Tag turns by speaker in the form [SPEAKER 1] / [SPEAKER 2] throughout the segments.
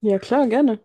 [SPEAKER 1] Ja, klar, gerne.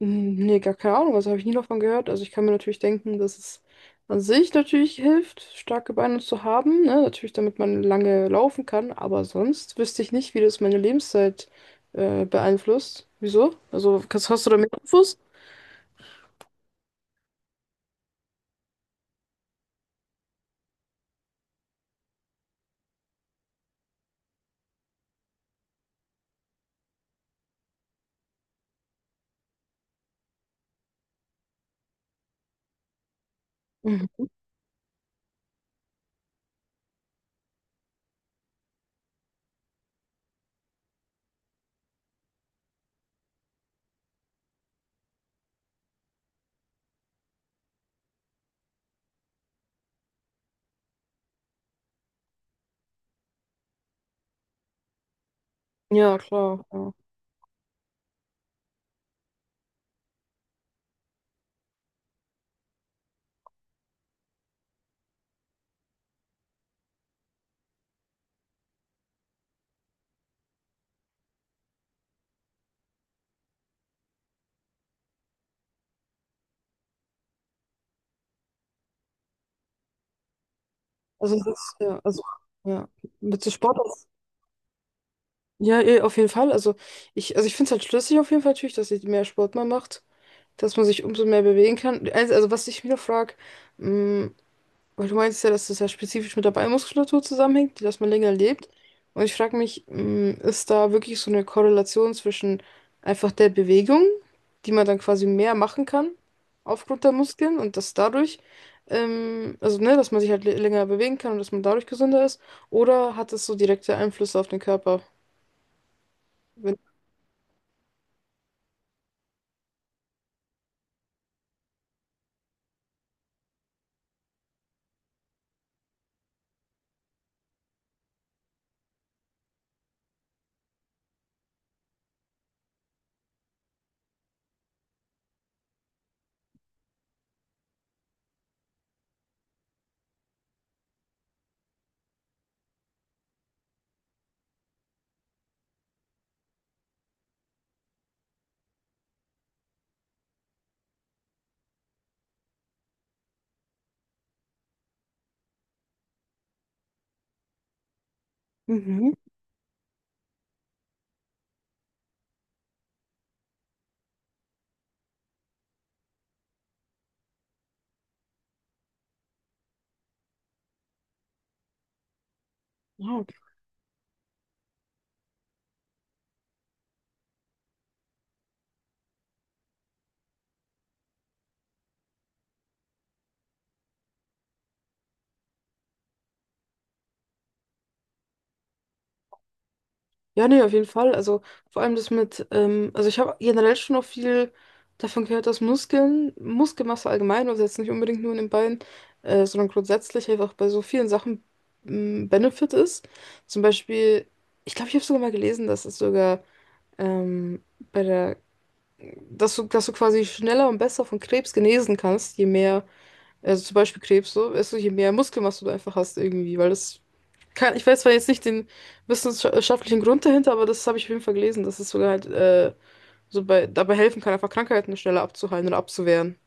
[SPEAKER 1] Hm, nee, gar keine Ahnung, also habe ich nie davon gehört. Also ich kann mir natürlich denken, dass es an sich natürlich hilft, starke Beine zu haben, ne? Natürlich, damit man lange laufen kann, aber sonst wüsste ich nicht, wie das meine Lebenszeit beeinflusst. Wieso? Also hast du da mehr Infos? Mhm. Ja, klar, ja. Also das ist, ja, also, ja, mit so Sport. Ja, auf jeden Fall. Also ich finde es halt schlüssig auf jeden Fall natürlich, dass ich mehr Sport mal macht, dass man sich umso mehr bewegen kann. Also was ich mir noch frage, weil du meinst ja, dass das ja spezifisch mit der Beinmuskulatur zusammenhängt, dass man länger lebt. Und ich frage mich, mh, ist da wirklich so eine Korrelation zwischen einfach der Bewegung, die man dann quasi mehr machen kann aufgrund der Muskeln und dass dadurch, also ne, dass man sich halt länger bewegen kann und dass man dadurch gesünder ist, oder hat es so direkte Einflüsse auf den Körper? Wenn, Mhm. Ja. Ja, nee, auf jeden Fall. Also vor allem das mit, also ich habe generell schon auch viel davon gehört, dass Muskeln, Muskelmasse allgemein, also jetzt nicht unbedingt nur in den Beinen, sondern grundsätzlich einfach bei so vielen Sachen ein Benefit ist. Zum Beispiel, ich glaube, ich habe sogar mal gelesen, dass es sogar ähm, bei der, dass du quasi schneller und besser von Krebs genesen kannst, je mehr, also zum Beispiel Krebs so, also je mehr Muskelmasse du einfach hast irgendwie, weil das kein, ich weiß zwar jetzt nicht den wissenschaftlichen Grund dahinter, aber das habe ich auf jeden Fall gelesen, dass es sogar halt dabei helfen kann, einfach Krankheiten schneller abzuheilen oder abzuwehren.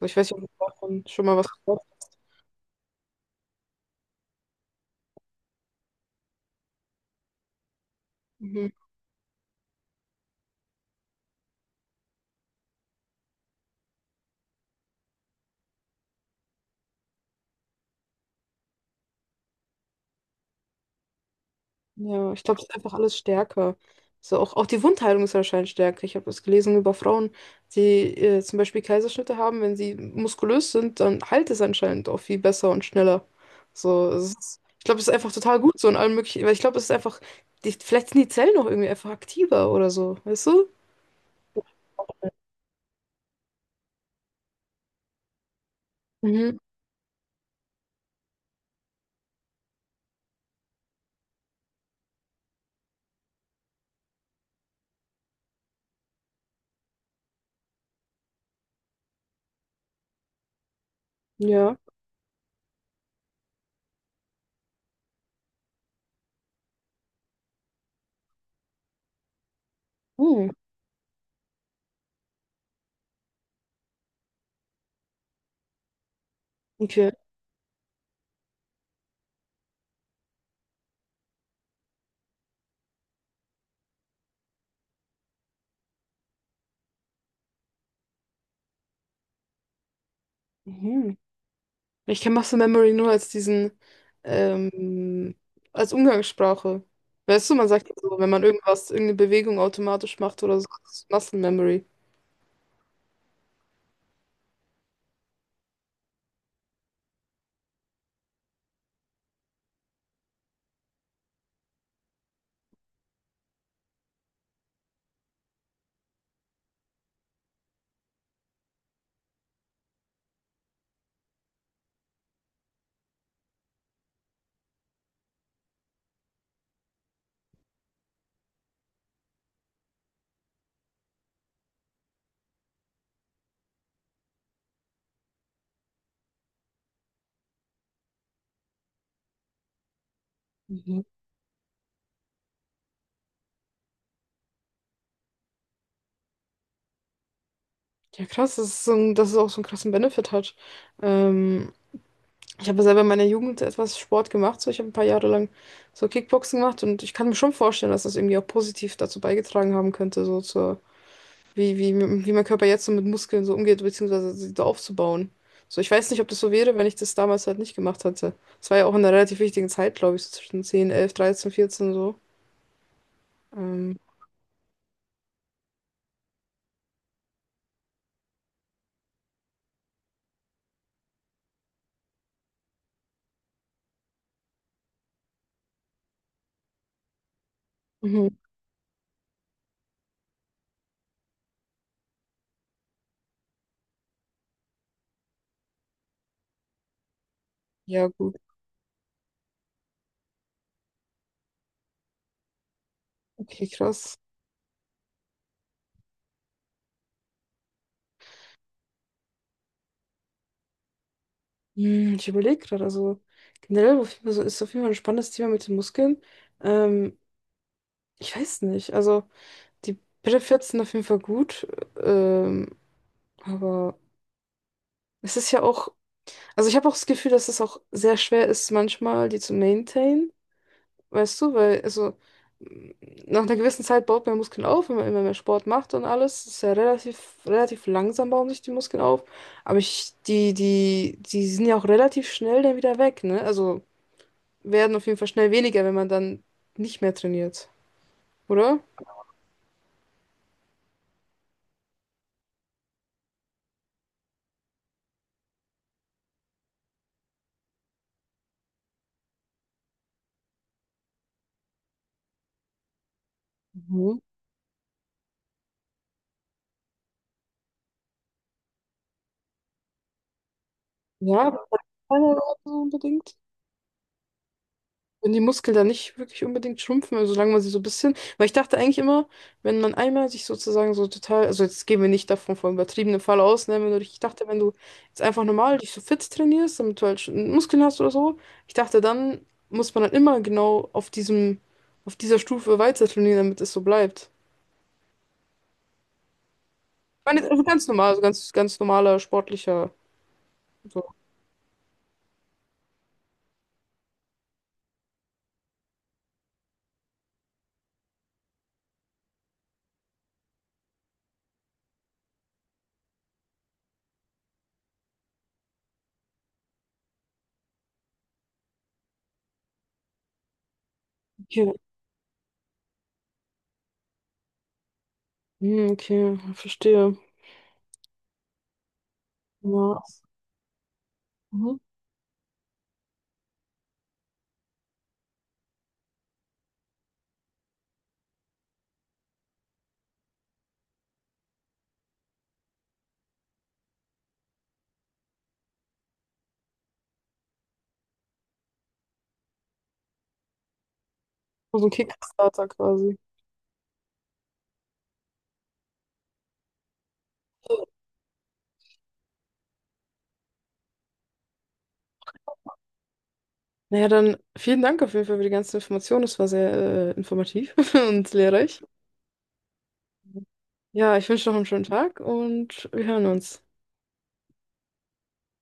[SPEAKER 1] Also ich weiß nicht, ob du davon schon mal was gehört hast. Mhm. Ja, ich glaube, es ist einfach alles stärker. So, auch die Wundheilung ist anscheinend stärker. Ich habe das gelesen über Frauen, die zum Beispiel Kaiserschnitte haben, wenn sie muskulös sind, dann heilt es anscheinend auch viel besser und schneller. So, ich glaube, es ist einfach total gut so in allen möglichen, weil ich glaube, es ist einfach, die, vielleicht sind die Zellen noch irgendwie einfach aktiver oder so, weißt du? Mhm. Ja. Hm. Okay. Mhm. Ich kenne Muscle Memory nur als diesen, ähm, als Umgangssprache. Weißt du, man sagt ja so, wenn man irgendeine Bewegung automatisch macht oder so, das ist Muscle Memory. Mhm. Ja, krass, dass es auch so einen krassen Benefit hat. Ähm, ich habe selber in meiner Jugend etwas Sport gemacht, so ich habe ein paar Jahre lang so Kickboxen gemacht und ich kann mir schon vorstellen, dass das irgendwie auch positiv dazu beigetragen haben könnte, so wie, wie, wie mein Körper jetzt so mit Muskeln so umgeht, beziehungsweise sie so aufzubauen. So, ich weiß nicht, ob das so wäre, wenn ich das damals halt nicht gemacht hätte. Es war ja auch in einer relativ wichtigen Zeit, glaube ich, so zwischen 10 11 13 14 so. Ähm, mhm. Ja, gut. Okay, krass. Hm, ich überlege gerade, also generell auf jeden Fall ist auf jeden Fall ein spannendes Thema mit den Muskeln. Ähm, ich weiß nicht, also die Brille sind auf jeden Fall gut, ähm, aber es ist ja auch, also ich habe auch das Gefühl, dass es auch sehr schwer ist, manchmal die zu maintainen. Weißt du, m, nach einer gewissen Zeit baut man Muskeln auf, wenn man immer mehr Sport macht und alles. Ist ja relativ langsam bauen sich die Muskeln auf. Aber die sind ja auch relativ schnell dann wieder weg, ne? Also werden auf jeden Fall schnell weniger, wenn man dann nicht mehr trainiert, oder? Mhm. Ja, keine Ahnung, so unbedingt. Wenn die Muskeln da nicht wirklich unbedingt schrumpfen, also solange man sie so ein bisschen, weil ich dachte eigentlich immer, wenn man einmal sich sozusagen so total, also jetzt gehen wir nicht davon von übertriebenem Fall aus, ne, wenn du, dich- ich dachte, wenn du jetzt einfach normal dich so fit trainierst, damit du halt schon Muskeln hast oder so, ich dachte, dann muss man halt immer genau auf diesem, auf dieser Stufe weiter trainieren, damit es so bleibt. Ich meine, jetzt also ganz normal, also ganz normaler, sportlicher, so. Okay, hm, okay, verstehe. Ja. Mhm. So ein Kickstarter quasi. Naja, dann vielen Dank auf jeden Fall für die ganzen Informationen. Das war sehr informativ und lehrreich. Ja, ich wünsche noch einen schönen Tag und wir hören uns.